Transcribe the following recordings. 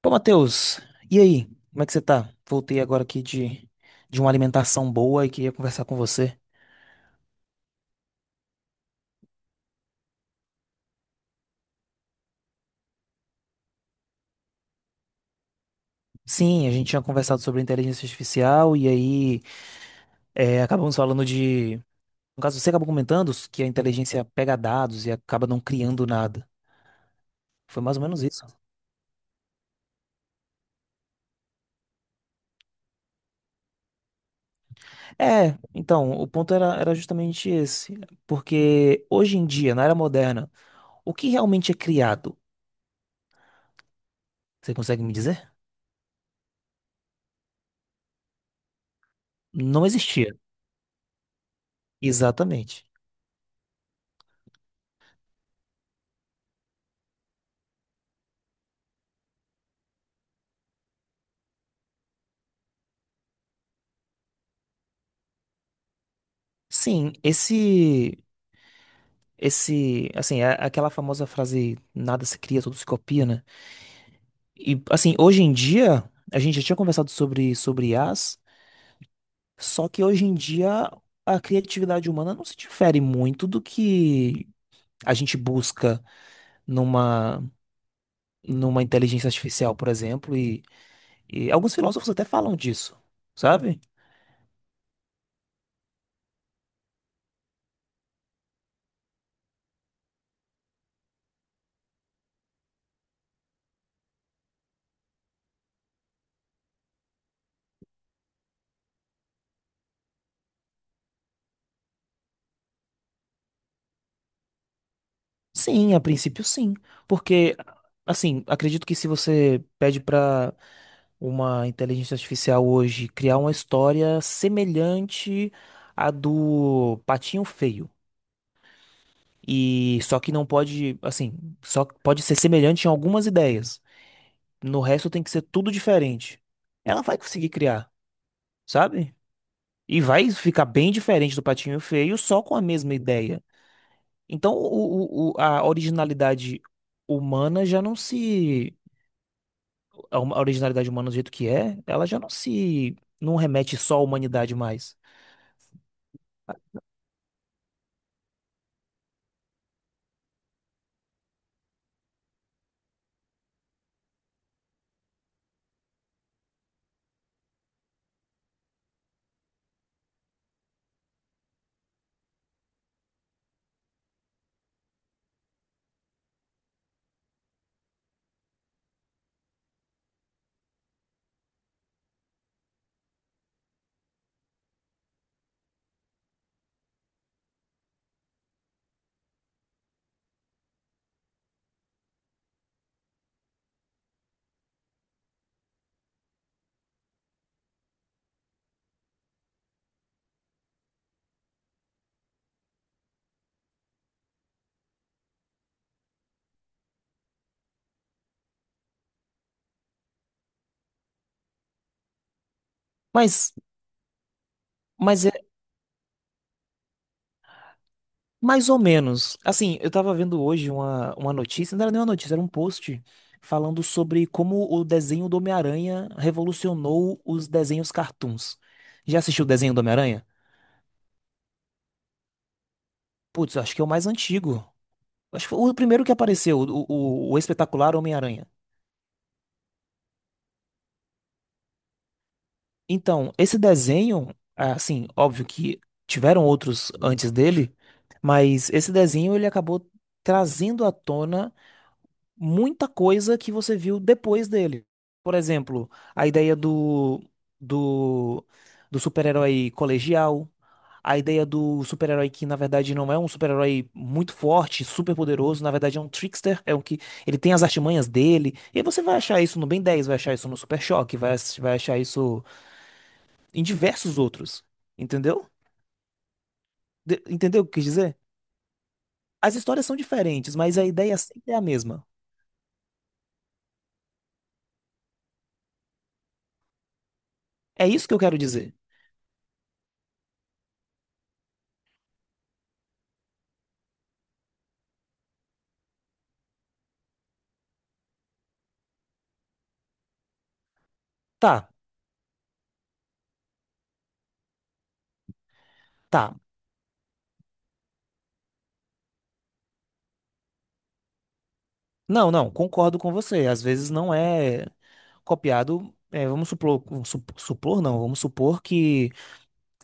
Pô, Matheus, e aí? Como é que você tá? Voltei agora aqui de uma alimentação boa e queria conversar com você. Sim, a gente tinha conversado sobre inteligência artificial e aí acabamos falando de. No caso, você acabou comentando que a inteligência pega dados e acaba não criando nada. Foi mais ou menos isso. É, então, o ponto era justamente esse. Porque hoje em dia, na era moderna, o que realmente é criado? Você consegue me dizer? Não existia. Exatamente. Sim, esse, assim, é aquela famosa frase nada se cria, tudo se copia, né? E assim, hoje em dia, a gente já tinha conversado sobre I as, só que hoje em dia a criatividade humana não se difere muito do que a gente busca numa numa inteligência artificial, por exemplo, e alguns filósofos até falam disso, sabe? Sim, a princípio sim, porque assim, acredito que se você pede pra uma inteligência artificial hoje criar uma história semelhante à do Patinho Feio, e só que não pode, assim, só pode ser semelhante em algumas ideias. No resto tem que ser tudo diferente. Ela vai conseguir criar, sabe? E vai ficar bem diferente do Patinho Feio só com a mesma ideia. Então, a originalidade humana já não se a originalidade humana do jeito que é, ela já não se não remete só à humanidade mais. Mas mas é mais ou menos. Assim, eu tava vendo hoje uma notícia, não era nem uma notícia, era um post falando sobre como o desenho do Homem-Aranha revolucionou os desenhos cartoons. Já assistiu o desenho do Homem-Aranha? Putz, eu acho que é o mais antigo. Acho que foi o primeiro que apareceu, o espetacular Homem-Aranha. Então, esse desenho, é, assim, óbvio que tiveram outros antes dele, mas esse desenho ele acabou trazendo à tona muita coisa que você viu depois dele. Por exemplo, a ideia do, do super-herói colegial, a ideia do super-herói que na verdade não é um super-herói muito forte, super poderoso, na verdade é um trickster, é um que ele tem as artimanhas dele. E aí você vai achar isso no Ben 10, vai achar isso no Super Choque, vai achar isso em diversos outros, entendeu? Entendeu o que eu quis dizer? As histórias são diferentes, mas a ideia sempre é a mesma. É isso que eu quero dizer. Tá, tá. Não, não, concordo com você. Às vezes não é copiado. É, vamos supor, su- supor, não, vamos supor que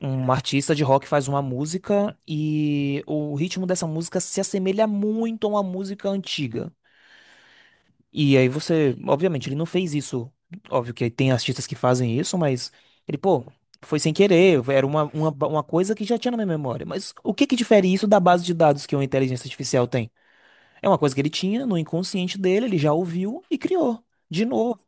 um artista de rock faz uma música e o ritmo dessa música se assemelha muito a uma música antiga. E aí você, obviamente, ele não fez isso. Óbvio que tem artistas que fazem isso, mas ele, pô, foi sem querer, era uma coisa que já tinha na minha memória. Mas o que que difere isso da base de dados que uma inteligência artificial tem? É uma coisa que ele tinha no inconsciente dele, ele já ouviu e criou de novo.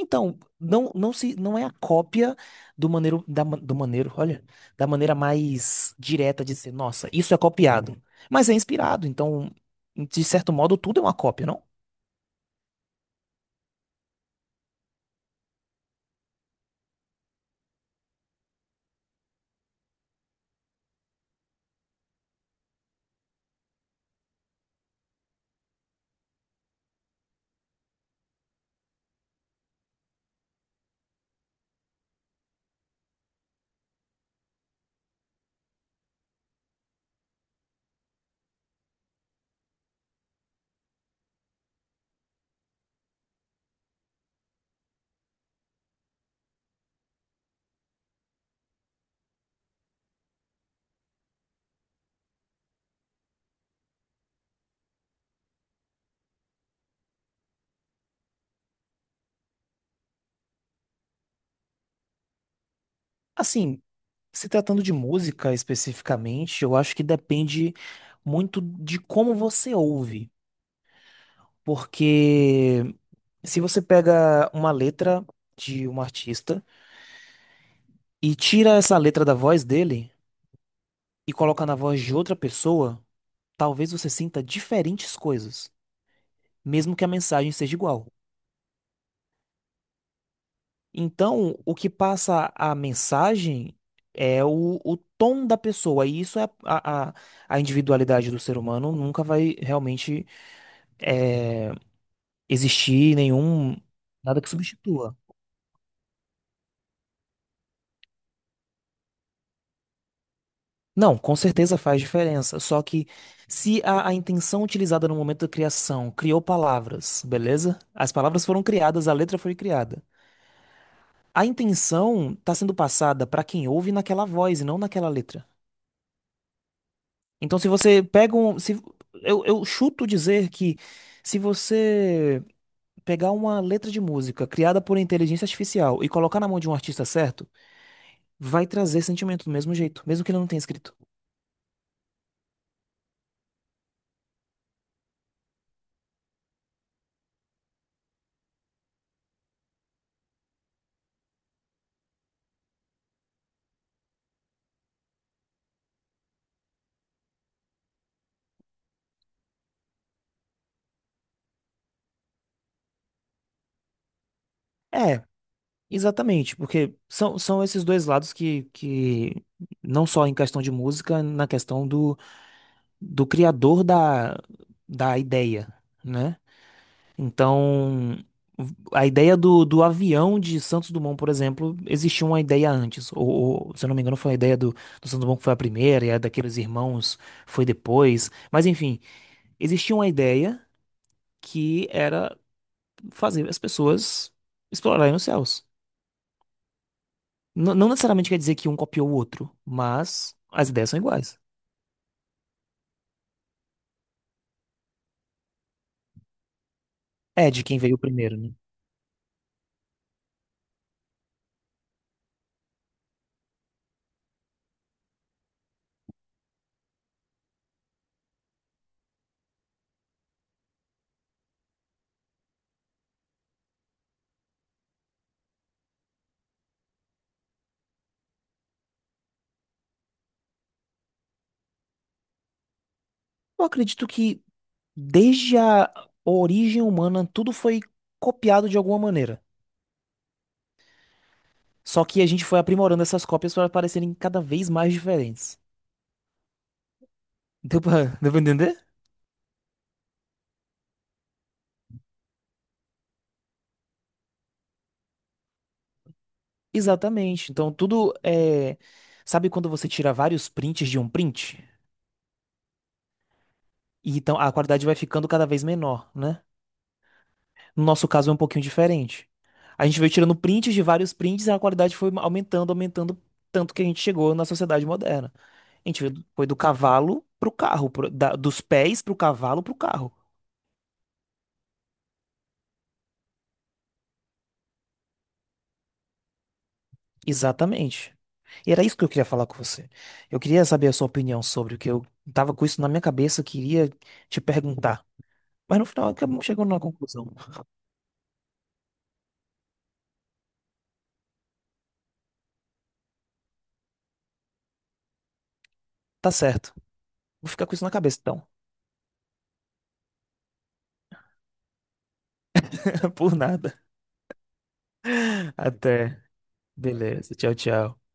Então, não é a cópia do maneiro, da, ma- do maneiro, olha, da maneira mais direta de ser, nossa, isso é copiado. Mas é inspirado, então, de certo modo, tudo é uma cópia, não? Assim, se tratando de música especificamente, eu acho que depende muito de como você ouve. Porque se você pega uma letra de um artista e tira essa letra da voz dele e coloca na voz de outra pessoa, talvez você sinta diferentes coisas, mesmo que a mensagem seja igual. Então, o que passa a mensagem é o tom da pessoa, e isso é a individualidade do ser humano, nunca vai realmente eh, existir nenhum, nada que substitua. Não, com certeza faz diferença. Só que se a intenção utilizada no momento da criação criou palavras, beleza? As palavras foram criadas, a letra foi criada. A intenção está sendo passada para quem ouve naquela voz e não naquela letra. Então, se você pega um. Se, eu chuto dizer que se você pegar uma letra de música criada por inteligência artificial e colocar na mão de um artista certo, vai trazer sentimento do mesmo jeito, mesmo que ele não tenha escrito. É, exatamente, porque são esses dois lados que não só em questão de música, na questão do criador da ideia, né? Então, a ideia do avião de Santos Dumont, por exemplo, existia uma ideia antes. Se eu não me engano, foi a ideia do Santos Dumont que foi a primeira, e a daqueles irmãos foi depois. Mas, enfim, existia uma ideia que era fazer as pessoas explorarem os céus. Não necessariamente quer dizer que um copiou o outro, mas as ideias são iguais. É de quem veio primeiro, né? Eu acredito que desde a origem humana tudo foi copiado de alguma maneira. Só que a gente foi aprimorando essas cópias para parecerem cada vez mais diferentes. Deu pra entender? Exatamente. Então, tudo é. Sabe quando você tira vários prints de um print? E então a qualidade vai ficando cada vez menor, né? No nosso caso é um pouquinho diferente. A gente veio tirando prints de vários prints e a qualidade foi aumentando, aumentando, tanto que a gente chegou na sociedade moderna. A gente veio do- foi do cavalo pro carro, dos pés pro cavalo pro carro. Exatamente. E era isso que eu queria falar com você. Eu queria saber a sua opinião sobre o que eu tava com isso na minha cabeça, eu queria te perguntar. Mas no final acabamos chegando numa conclusão. Tá certo. Vou ficar com isso na cabeça então. Por nada. Até. Beleza. Tchau, tchau.